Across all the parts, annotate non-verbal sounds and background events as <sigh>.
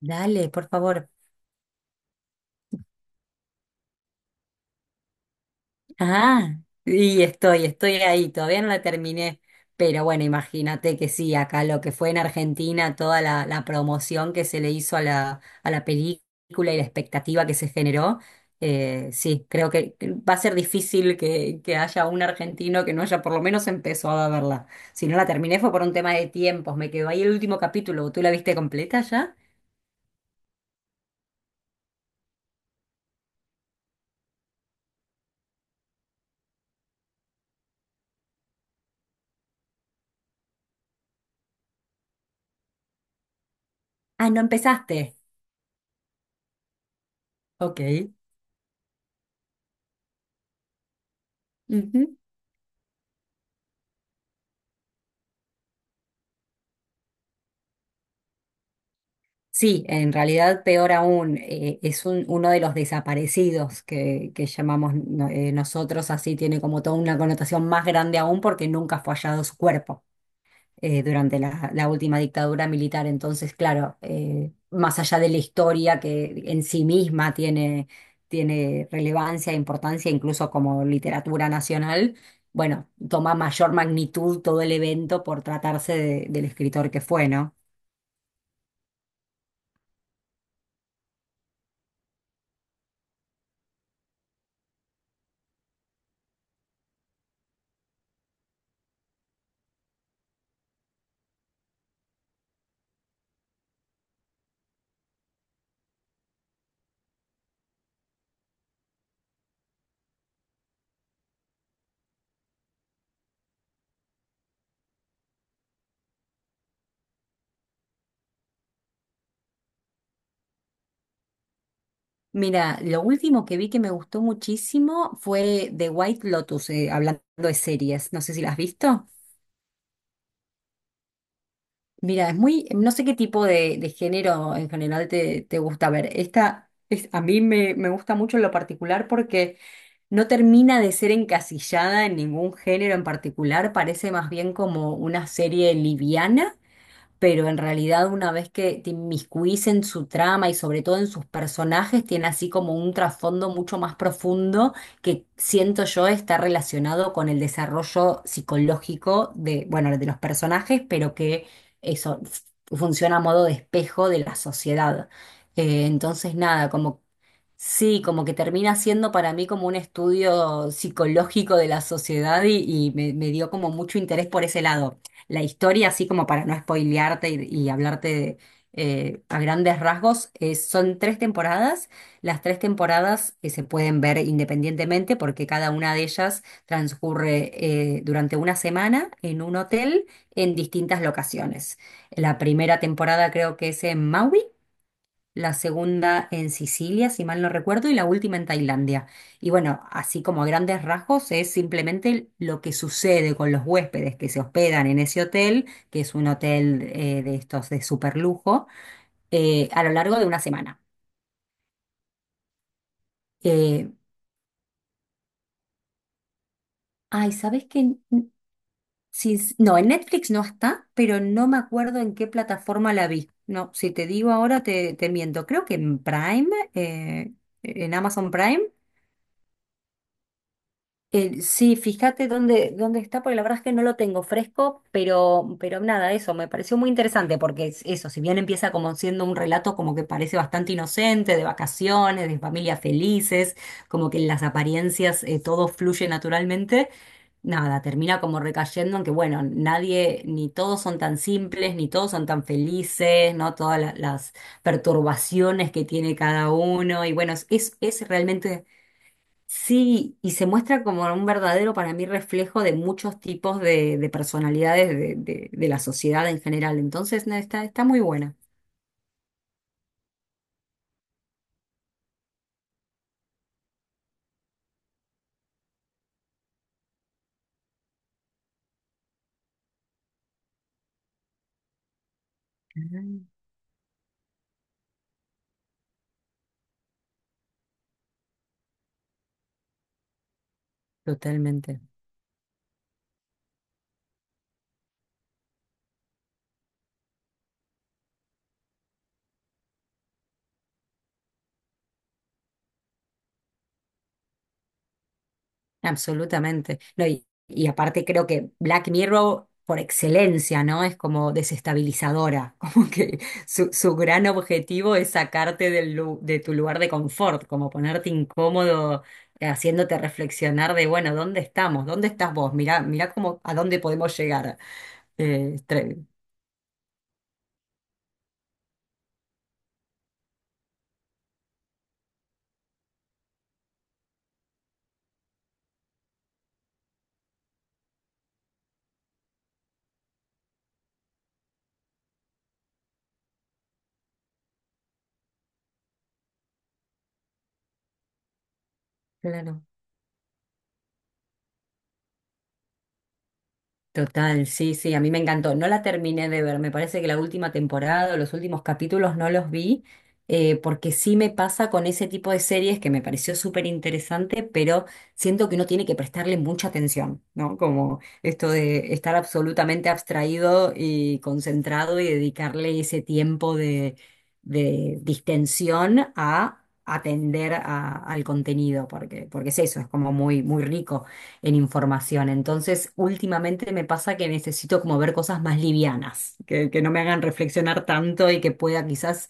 Dale, por favor. Ah, y estoy ahí, todavía no la terminé. Pero bueno, imagínate que sí, acá lo que fue en Argentina, toda la promoción que se le hizo a la película y la expectativa que se generó, sí, creo que va a ser difícil que haya un argentino que no haya por lo menos empezado a verla. Si no la terminé fue por un tema de tiempos, me quedó ahí el último capítulo. ¿Tú la viste completa ya? Ah, no empezaste. Ok. Sí, en realidad peor aún, uno de los desaparecidos que llamamos no- nosotros, así tiene como toda una connotación más grande aún porque nunca fue hallado su cuerpo durante la última dictadura militar. Entonces, claro, más allá de la historia que en sí misma tiene, tiene relevancia, e importancia, incluso como literatura nacional, bueno, toma mayor magnitud todo el evento por tratarse del escritor que fue, ¿no? Mira, lo último que vi que me gustó muchísimo fue The White Lotus, hablando de series. No sé si las has visto. Mira, es muy, no sé qué tipo de género en general te gusta ver. Esta es, a mí me gusta mucho en lo particular porque no termina de ser encasillada en ningún género en particular. Parece más bien como una serie liviana, pero en realidad una vez que te inmiscuís en su trama y sobre todo en sus personajes, tiene así como un trasfondo mucho más profundo que siento yo está relacionado con el desarrollo psicológico de, bueno, de los personajes, pero que eso f- funciona a modo de espejo de la sociedad. Entonces, nada, como... Sí, como que termina siendo para mí como un estudio psicológico de la sociedad y me dio como mucho interés por ese lado. La historia, así como para no spoilearte y hablarte a grandes rasgos, son tres temporadas. Las tres temporadas se pueden ver independientemente porque cada una de ellas transcurre durante una semana en un hotel en distintas locaciones. La primera temporada creo que es en Maui, la segunda en Sicilia, si mal no recuerdo, y la última en Tailandia. Y bueno, así como a grandes rasgos, es simplemente lo que sucede con los huéspedes que se hospedan en ese hotel, que es un hotel de estos de super lujo, a lo largo de una semana. Eh, ay, ¿sabes qué? Sí, sí, no, en Netflix no está, pero no me acuerdo en qué plataforma la vi. No, si te digo ahora te miento. Creo que en Prime, eh, en Amazon Prime. Sí, fíjate dónde, dónde está, porque la verdad es que no lo tengo fresco, pero nada, eso me pareció muy interesante, porque es eso, si bien empieza como siendo un relato como que parece bastante inocente, de vacaciones, de familias felices, como que en las apariencias todo fluye naturalmente, nada, termina como recayendo en que, bueno, nadie, ni todos son tan simples, ni todos son tan felices, ¿no? Todas las perturbaciones que tiene cada uno, y bueno, es, es realmente... Sí, y se muestra como un verdadero para mí reflejo de muchos tipos de personalidades de la sociedad en general. Entonces, no, está, está muy buena. Ah, totalmente, absolutamente. No, y aparte creo que Black Mirror por excelencia, ¿no? Es como desestabilizadora, <laughs> como que su gran objetivo es sacarte de tu lugar de confort, como ponerte incómodo, haciéndote reflexionar de, bueno, ¿dónde estamos? ¿Dónde estás vos? Mirá, mirá cómo, a dónde podemos llegar. Eh, estre- claro. Total, sí, sí, a mí me encantó. No la terminé de ver, me parece que la última temporada o los últimos capítulos no los vi, porque sí me pasa con ese tipo de series que me pareció súper interesante, pero siento que uno tiene que prestarle mucha atención, ¿no? Como esto de estar absolutamente abstraído y concentrado y dedicarle ese tiempo de distensión a atender al contenido, porque, porque es eso, es como muy, muy rico en información. Entonces, últimamente me pasa que necesito como ver cosas más livianas, que no me hagan reflexionar tanto y que pueda quizás...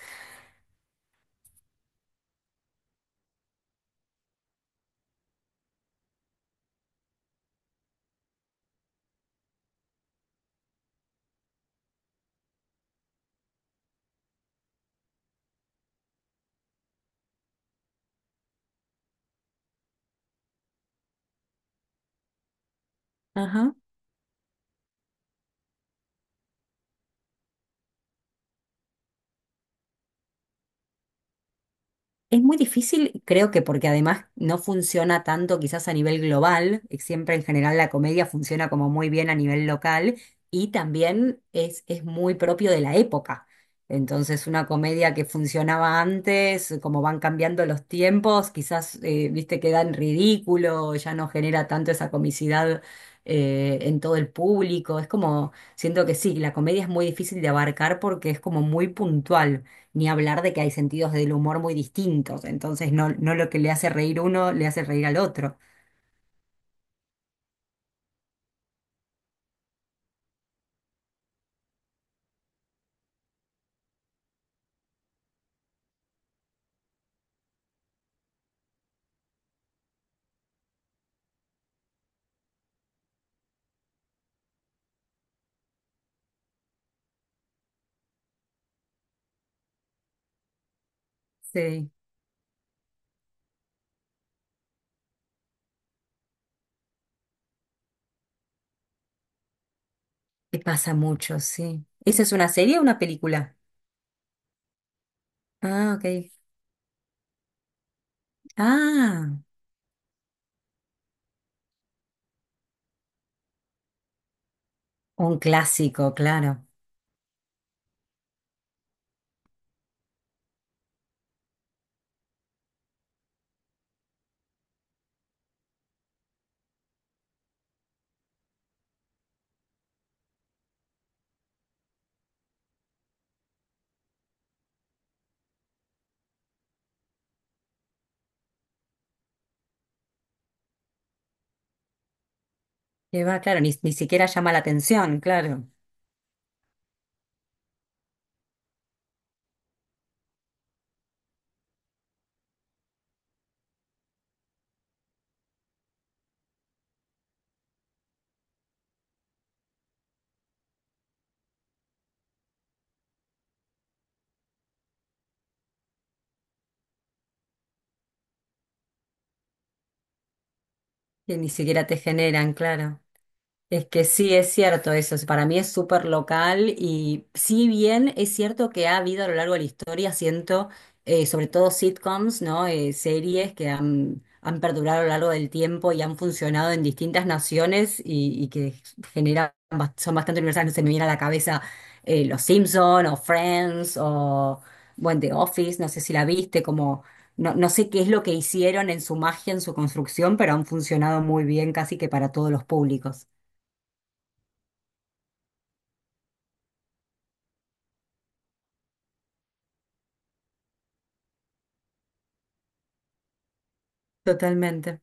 Es muy difícil, creo que porque además no funciona tanto quizás a nivel global, siempre en general la comedia funciona como muy bien a nivel local y también es muy propio de la época. Entonces una comedia que funcionaba antes, como van cambiando los tiempos, quizás, viste, queda en ridículo, ya no genera tanto esa comicidad en todo el público. Es como, siento que sí, la comedia es muy difícil de abarcar porque es como muy puntual. Ni hablar de que hay sentidos del humor muy distintos, entonces no, no lo que le hace reír uno le hace reír al otro. Sí, y pasa mucho, sí. ¿Esa es una serie o una película? Ah, ok. Ah, un clásico, claro. Que va, claro, ni, ni siquiera llama la atención, claro. Que ni siquiera te generan, claro. Es que sí, es cierto eso, para mí es súper local y si bien es cierto que ha habido a lo largo de la historia, siento, sobre todo sitcoms, ¿no? Series que han, han perdurado a lo largo del tiempo y han funcionado en distintas naciones y que generan, son bastante universales, se me viene a la cabeza Los Simpson o Friends o, bueno, The Office, no sé si la viste, como... No, no sé qué es lo que hicieron en su magia, en su construcción, pero han funcionado muy bien casi que para todos los públicos. Totalmente.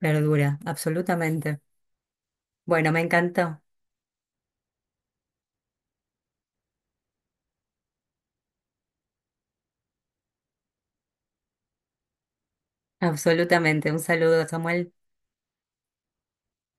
Verdura, absolutamente. Bueno, me encantó. Absolutamente. Un saludo, Samuel.